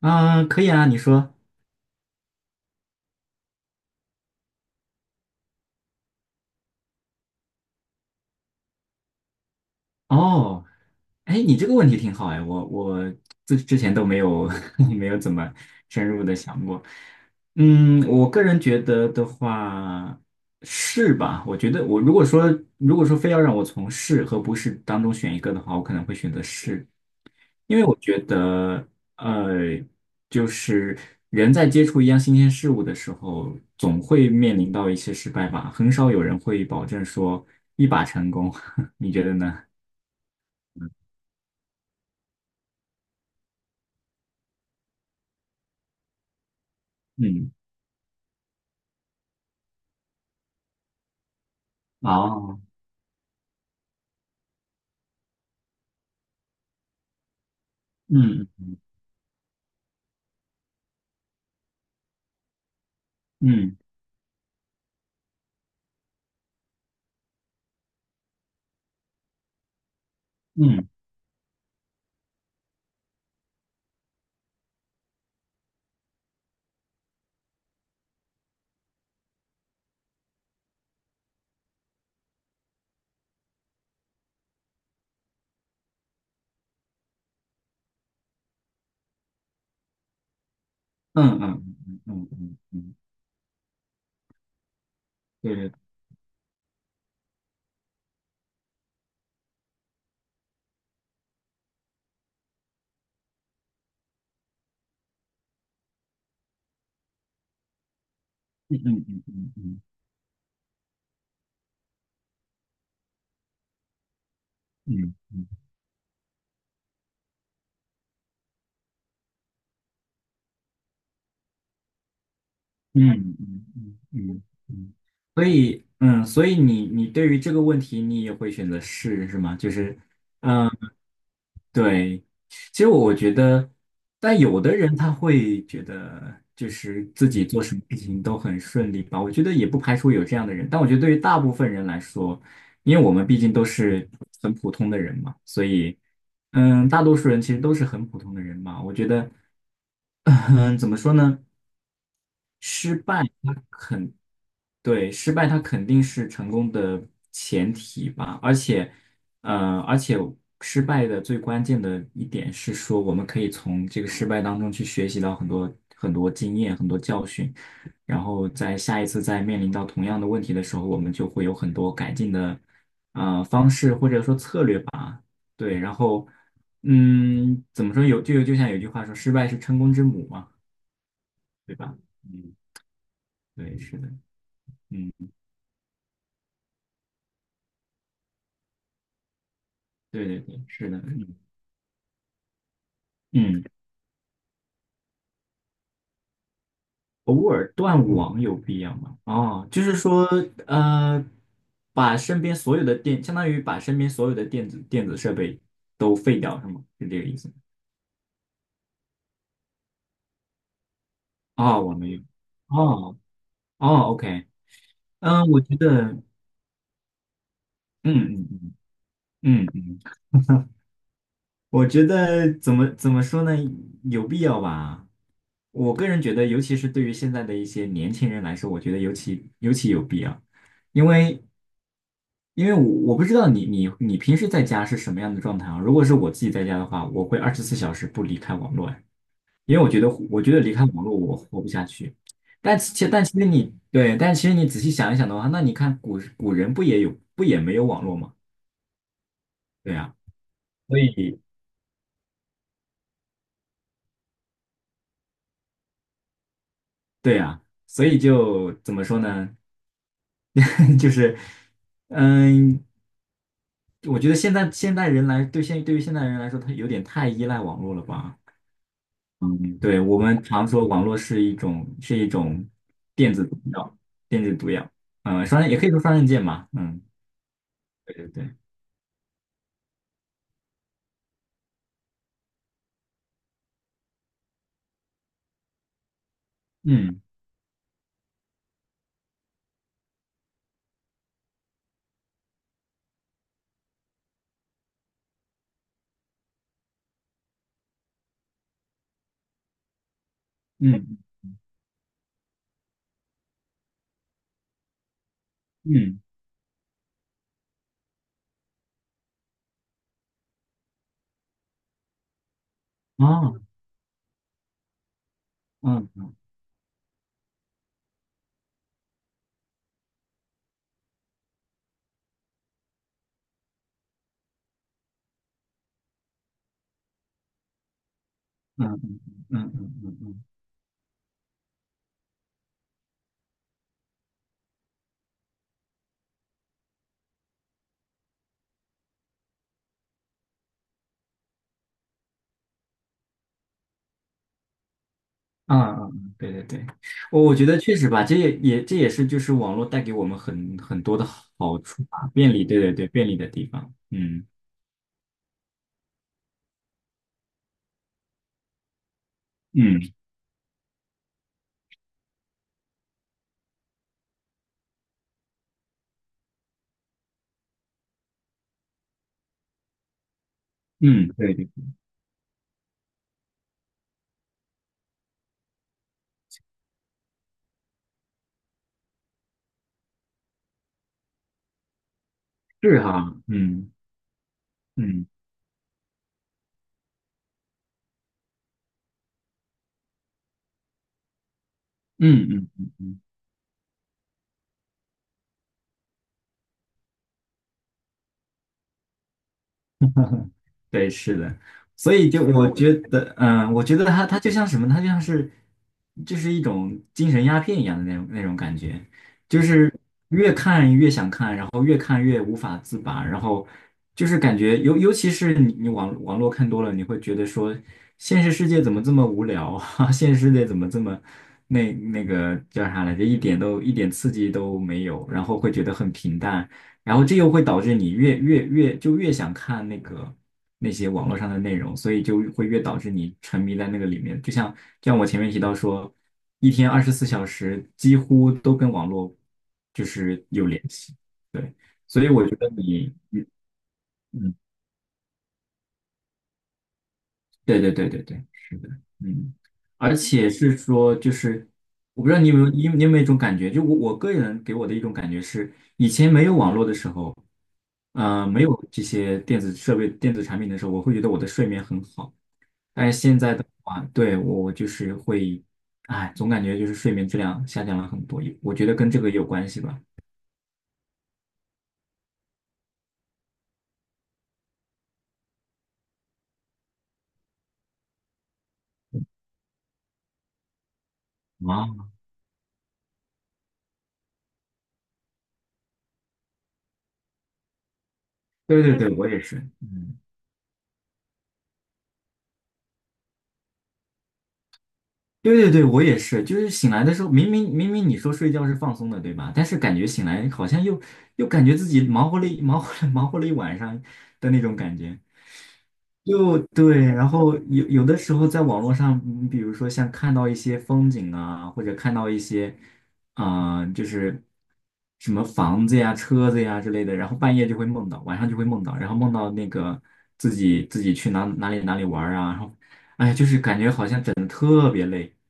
啊，可以啊，你说。哦，哎，你这个问题挺好哎，我我之前都没有 没有怎么深入的想过。嗯，我个人觉得的话是吧？我觉得我如果说非要让我从是和不是当中选一个的话，我可能会选择是。因为我觉得，呃，就是人在接触一样新鲜事物的时候，总会面临到一些失败吧。很少有人会保证说一把成功，你觉得呢？嗯，哦，嗯嗯嗯嗯嗯嗯嗯嗯嗯，嗯对对，嗯嗯嗯嗯嗯嗯嗯嗯嗯嗯嗯，所以嗯，所以你对于这个问题，你也会选择是是吗？就是。呃对，其实我觉得，但有的人他会觉得，就是自己做什么事情都很顺利吧。我觉得也不排除有这样的人，但我觉得对于大部分人来说，因为我们毕竟都是很普通的人嘛，所以，嗯，大多数人其实都是很普通的人嘛。我觉得，嗯，怎么说呢？失败它很对，失败它肯定是成功的前提吧，而且，而且失败的最关键的一点是说，我们可以从这个失败当中去学习到很多很多经验、很多教训，然后在下一次再面临到同样的问题的时候，我们就会有很多改进的方式或者说策略吧。对，然后，嗯，怎么说有就像有句话说，失败是成功之母嘛，对吧？嗯，对，是的，嗯，对对对，是的。嗯。嗯，偶尔断网有必要吗？哦，就是说，呃，把身边所有的电，相当于把身边所有的电子设备都废掉，是吗？是这个意思吗？哦，我没有。哦，哦，OK,嗯，我觉得，嗯嗯嗯嗯嗯。我觉得怎么说呢？有必要吧。我个人觉得，尤其是对于现在的一些年轻人来说，我觉得尤其有必要，因为因为我我不知道你平时在家是什么样的状态啊？如果是我自己在家的话，我会二十四小时不离开网络，因为我觉得离开网络我活不下去。但其实你对，但其实你仔细想一想的话，那你看古人不也有不也没有网络吗？对啊。所以对呀，所以就怎么说呢？就是，嗯，我觉得现在现代人来，对现对于现代人来说，他有点太依赖网络了吧？嗯，对，我们常说网络是一种电子毒药，电子毒药，嗯，双刃也可以说双刃剑嘛，嗯，对对对，嗯嗯嗯，哦，嗯嗯嗯嗯嗯嗯嗯。嗯嗯嗯嗯，嗯对对对，我我觉得确实吧，这也是就是网络带给我们很多的好处吧，便利，对对对，便利的地方，嗯嗯嗯，对对，是哈，嗯嗯嗯嗯嗯嗯，对，是的，所以就我觉得，嗯，我觉得它就像什么，它就像是就是一种精神鸦片一样的那种感觉，就是。然后越看越无法自拔，然后就是感觉尤其是你网络看多了，你会觉得说现实世界怎么这么无聊啊？现实世界怎么这么那个叫啥来着？一点刺激都没有，然后会觉得很平淡，然后这又会导致你越想看那个。那些网络上的内容，所以就会越导致你沉迷在那个里面。就像我前面提到说，一天二十四小时几乎都跟网络就是有联系。对，所以我觉得你，嗯嗯，对对对对对，是的，嗯，而且是说，就是我不知道你有没有，你有你有没有一种感觉，就我个人给我的一种感觉是，以前没有网络的时候，没有这些电子设备、电子产品的时候，我会觉得我的睡眠很好，但是现在的话，对，我就是会，哎，总感觉就是睡眠质量下降了很多，我觉得跟这个也有关系吧。啊，对对对，我也是，嗯。对对对，我也是，就是醒来的时候，明明你说睡觉是放松的，对吧？但是感觉醒来好像又又感觉自己忙活了 忙活了一晚上的那种感觉，就对。然后有的时候在网络上，嗯比如说像看到一些风景啊，或者看到一些啊、就是什么房子呀、车子呀之类的，然后半夜就会梦到，晚上就会梦到，然后梦到那个自己去哪里哪里玩儿啊，然后哎，就是感觉好像。整。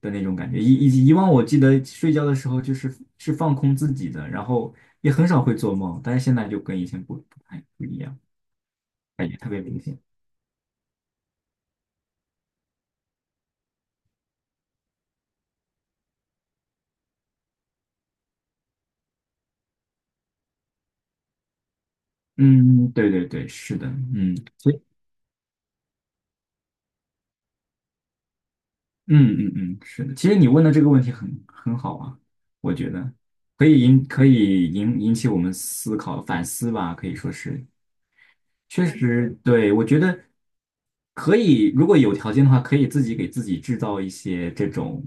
的那种感觉。以往我记得睡觉的时候就是是放空自己的，然后也很少会做梦，但是现在就跟以前不不太不一样，感觉特别明显。嗯，对对对，是的，嗯，所以嗯嗯嗯，是的。其实你问的这个问题很好啊，我觉得可以引起我们思考反思吧，可以说是确实，对，我觉得可以，如果有条件的话，可以自己给自己制造一些这种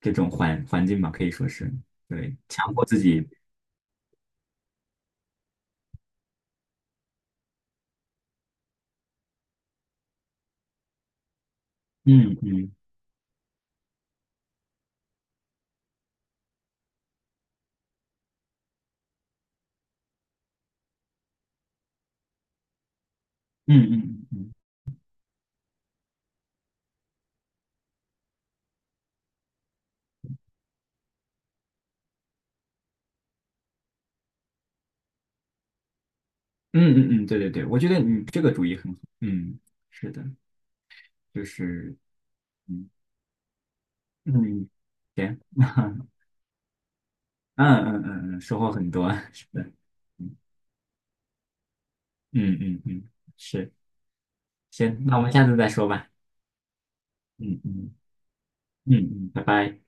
这种环境吧，可以说是对，强迫自己，嗯嗯嗯嗯嗯嗯嗯嗯，对对对，我觉得你这个主意很好，嗯，是的，就是嗯嗯，行，嗯嗯嗯嗯，收获很多，是的，嗯嗯嗯，嗯是，行，那我们下次再说吧，嗯嗯嗯嗯，拜拜。